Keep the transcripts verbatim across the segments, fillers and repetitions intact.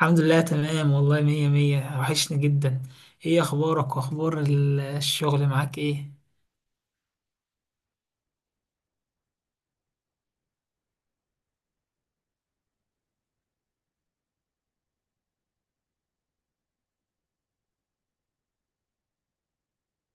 الحمد لله تمام والله مية مية، وحشني جدا. ايه اخبارك واخبار ال- الشغل معاك؟ ايه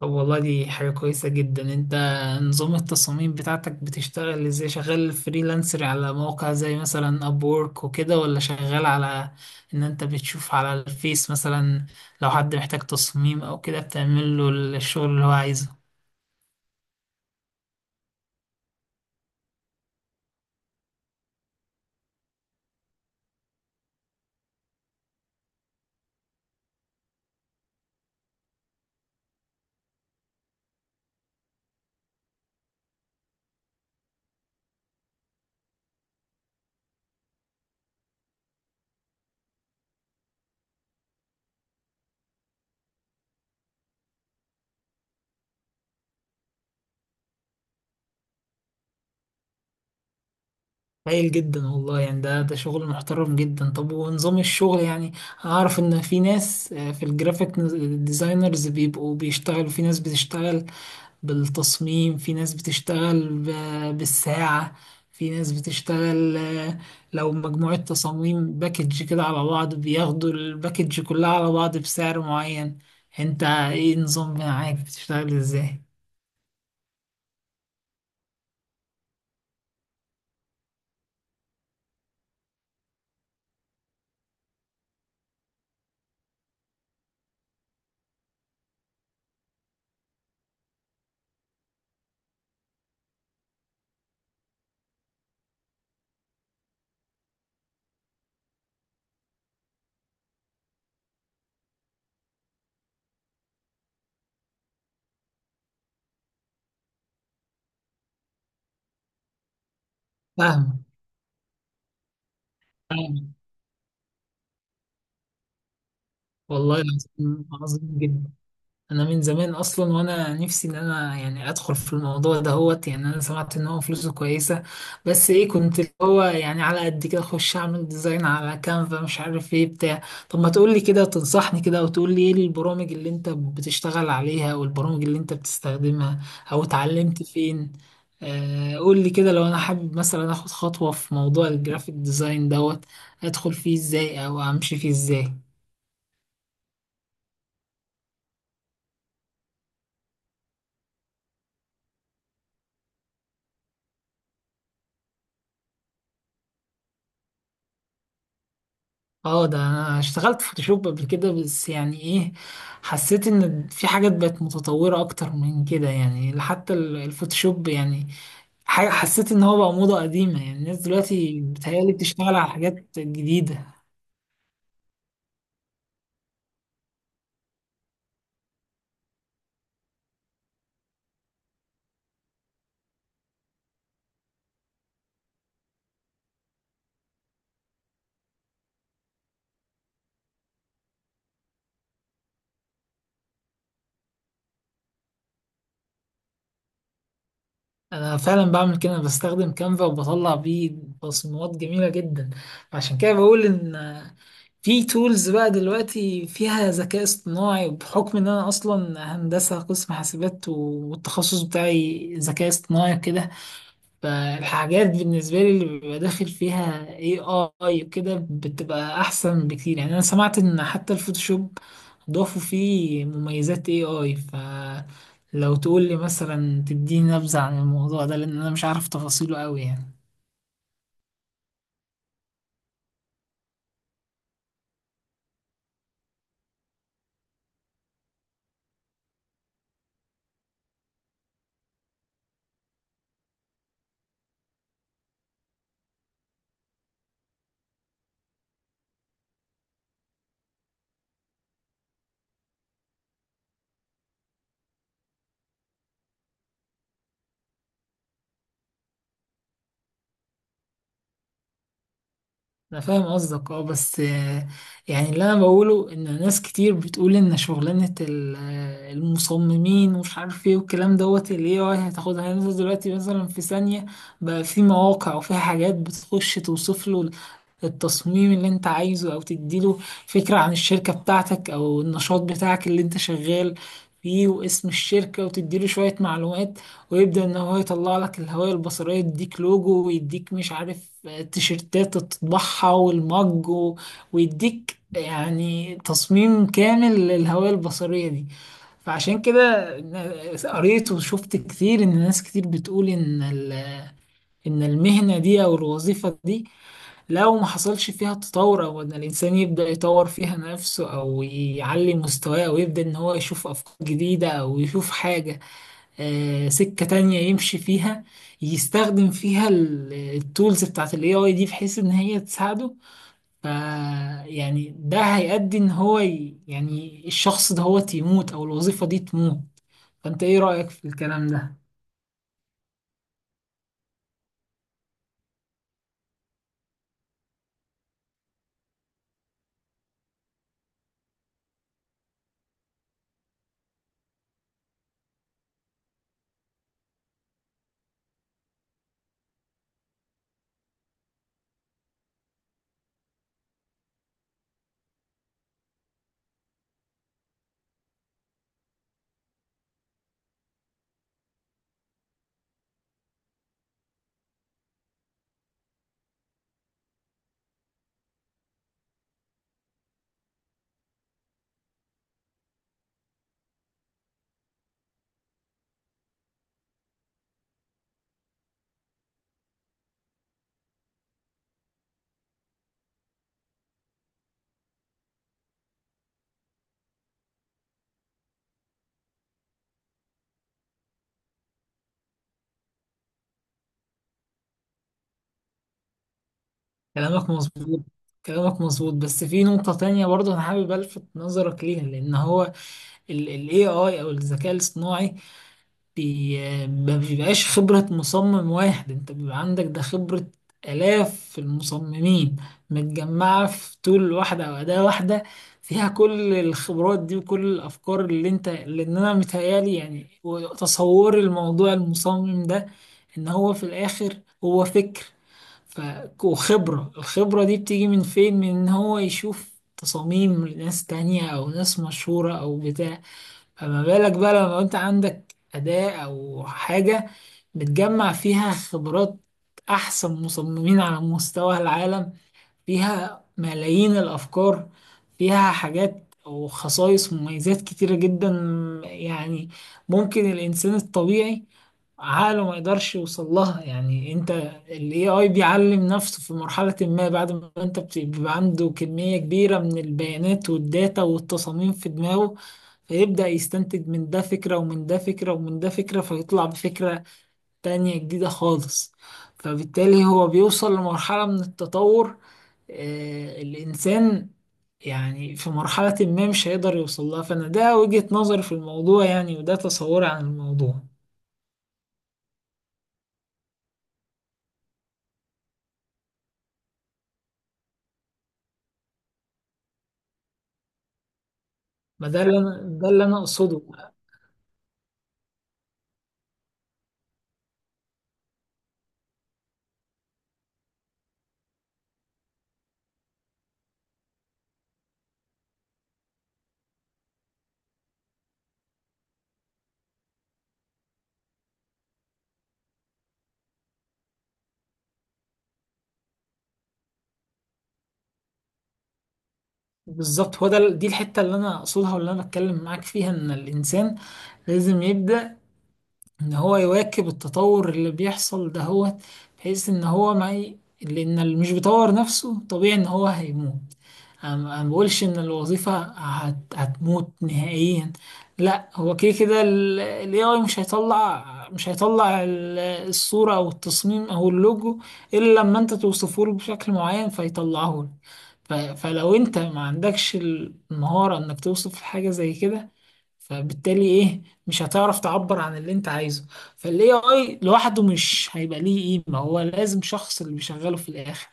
طب والله دي حاجة كويسة جدا. انت نظام التصاميم بتاعتك بتشتغل ازاي؟ شغال فريلانسر على مواقع زي مثلا ابورك وكده، ولا شغال على ان انت بتشوف على الفيس مثلا لو حد محتاج تصميم او كده بتعمل له الشغل اللي هو عايزه؟ هايل جدا والله. يعني ده ده شغل محترم جدا. طب ونظام الشغل يعني أعرف إن في ناس، آه، في الجرافيك ديزاينرز بيبقوا بيشتغلوا، في ناس بتشتغل بالتصميم، في ناس بتشتغل ب- بالساعة، في ناس بتشتغل، آه، لو مجموعة تصاميم باكج كده على بعض بياخدوا الباكج كلها على بعض بسعر معين. انت ايه نظام معاك؟ بتشتغل ازاي؟ فاهم. فاهم. والله العظيم عظيم جدا. انا من زمان اصلا وانا نفسي ان انا يعني ادخل في الموضوع ده هوت يعني انا سمعت ان هو فلوسه كويسه، بس ايه كنت اللي هو يعني على قد كده اخش اعمل ديزاين على كانفا مش عارف ايه بتاع. طب ما تقول لي كده، تنصحني كده، وتقول لي ايه البرامج اللي انت بتشتغل عليها والبرامج اللي انت بتستخدمها او اتعلمت فين. آه قول لي كده، لو انا حابب مثلا اخد خطوه في موضوع الجرافيك ديزاين دوت ادخل فيه ازاي او امشي فيه ازاي؟ اه ده انا اشتغلت فوتوشوب قبل كده، بس يعني ايه، حسيت ان في حاجات بقت متطورة اكتر من كده، يعني حتى ال- الفوتوشوب يعني حاجة حسيت ان هو بقى موضة قديمة، يعني الناس دلوقتي بتهيألي بتشتغل على حاجات جديدة. انا فعلا بعمل كده، أنا بستخدم كانفا وبطلع بيه تصميمات جميلة جدا. عشان كده بقول ان في تولز بقى دلوقتي فيها ذكاء اصطناعي، بحكم ان انا اصلا هندسة قسم حاسبات والتخصص بتاعي ذكاء اصطناعي كده، فالحاجات دي بالنسبة لي اللي بيبقى داخل فيها A I وكده بتبقى أحسن بكتير. يعني أنا سمعت إن حتى الفوتوشوب ضافوا فيه مميزات إيه آي، فلو تقول لي مثلا تديني نبذة عن الموضوع ده، لأن أنا مش عارف تفاصيله أوي يعني. انا فاهم قصدك، اه بس، آه، يعني اللي انا بقوله ان ناس كتير بتقول ان شغلانة ال- آه، المصممين ومش عارف ايه والكلام دوت اللي هي هتاخدها. يعني انت دلوقتي مثلا في ثانية بقى في مواقع وفيها حاجات بتخش توصف له التصميم اللي انت عايزه، او تديله فكرة عن الشركة بتاعتك او النشاط بتاعك اللي انت شغال فيه، واسم الشركة، وتديله شوية معلومات، ويبدأ إن هو يطلع لك الهوية البصرية، يديك لوجو ويديك مش عارف، آه، تيشيرتات تطبعها والمج و- ويديك يعني تصميم كامل للهوية البصرية دي. فعشان كده ن- قريت وشفت كتير إن ناس كتير بتقول إن ال- إن المهنة دي أو الوظيفة دي لو ما حصلش فيها تطور، أو إن الإنسان يبدأ يطور فيها نفسه أو يعلي مستواه، أو يبدأ إن هو يشوف أفكار جديدة أو يشوف حاجة، آه، سكة تانية يمشي فيها، يستخدم فيها ال- التولز بتاعت الاي اي دي بحيث ان هي تساعده. ف يعني ده هيؤدي ان هو ي... يعني الشخص ده هو يموت، او الوظيفة دي تموت. فانت ايه رأيك في الكلام ده؟ كلامك مظبوط. كلامك مظبوط، بس في نقطة تانية برضه أنا حابب ألفت نظرك ليها، لأن هو ال ال إيه آي أو الذكاء الاصطناعي بي... ما بيبقاش خبرة مصمم واحد، انت بيبقى عندك ده خبرة آلاف المصممين متجمعة في طول واحدة أو أداة واحدة، فيها كل الخبرات دي وكل الأفكار اللي انت، لأن أنا متهيألي يعني تصوري الموضوع، المصمم ده إن هو في الآخر هو فكر ف... وخبرة. الخبرة دي بتيجي من فين؟ من إن هو يشوف تصاميم لناس تانية أو ناس مشهورة أو بتاع. فما بالك بقى لما انت عندك أداة أو حاجة بتجمع فيها خبرات أحسن مصممين على مستوى العالم، فيها ملايين الأفكار، فيها حاجات وخصائص ومميزات كتيرة جدا، يعني ممكن الإنسان الطبيعي عقله ما يقدرش يوصل لها. يعني انت ال إيه آي بيعلم نفسه في مرحلة ما، بعد ما انت بت- بيبقى عنده كمية كبيرة من البيانات والداتا والتصاميم في دماغه، فيبدأ يستنتج من ده فكرة ومن ده فكرة ومن ده فكرة، فيطلع بفكرة تانية جديدة خالص. فبالتالي هو بيوصل لمرحلة من التطور، آه، الإنسان يعني في مرحلة ما مش هيقدر يوصل لها. فأنا ده وجهة نظري في الموضوع يعني، وده تصوري عن الموضوع. ما ده اللي أنا، ده اللي أنا أقصده بالظبط. هو ده دي الحتة اللي أنا أقصدها واللي أنا بتكلم معاك فيها، إن الإنسان لازم يبدأ إن هو يواكب التطور اللي بيحصل دهوت بحيث إن هو ما ي- لأن اللي مش بيطور نفسه طبيعي إن هو هيموت. انا أنا ما بقولش ان الوظيفه هت... هتموت نهائيا، لا، هو كده كده الاي اي مش هيطلع، مش هيطلع ال- الصوره او التصميم او اللوجو الا لما انت توصفه له بشكل معين فيطلعه لك. ف... فلو انت ما عندكش المهاره انك توصف حاجه زي كده، فبالتالي ايه مش هتعرف تعبر عن اللي انت عايزه. فالاي اي لوحده مش هيبقى ليه قيمه، هو لازم شخص اللي بيشغله في الاخر.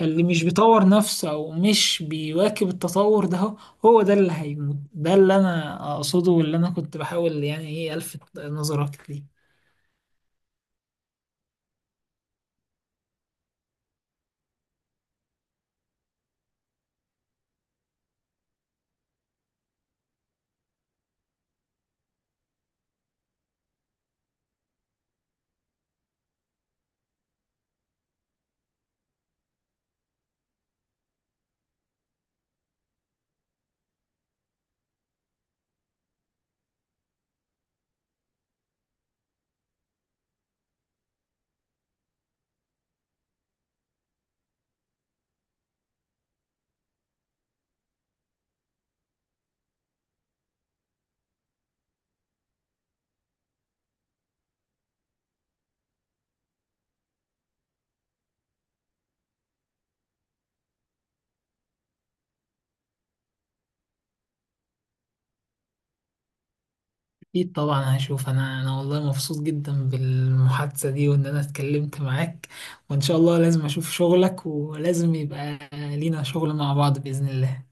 اللي مش بيطور نفسه او مش بيواكب التطور ده هو، هو ده اللي هيموت. ده اللي انا اقصده واللي انا كنت بحاول يعني ايه الفت نظرك ليه. اكيد طبعا هشوف. انا انا والله مبسوط جدا بالمحادثة دي وان انا اتكلمت معاك، وان شاء الله لازم اشوف شغلك ولازم يبقى لينا شغل مع بعض بإذن الله.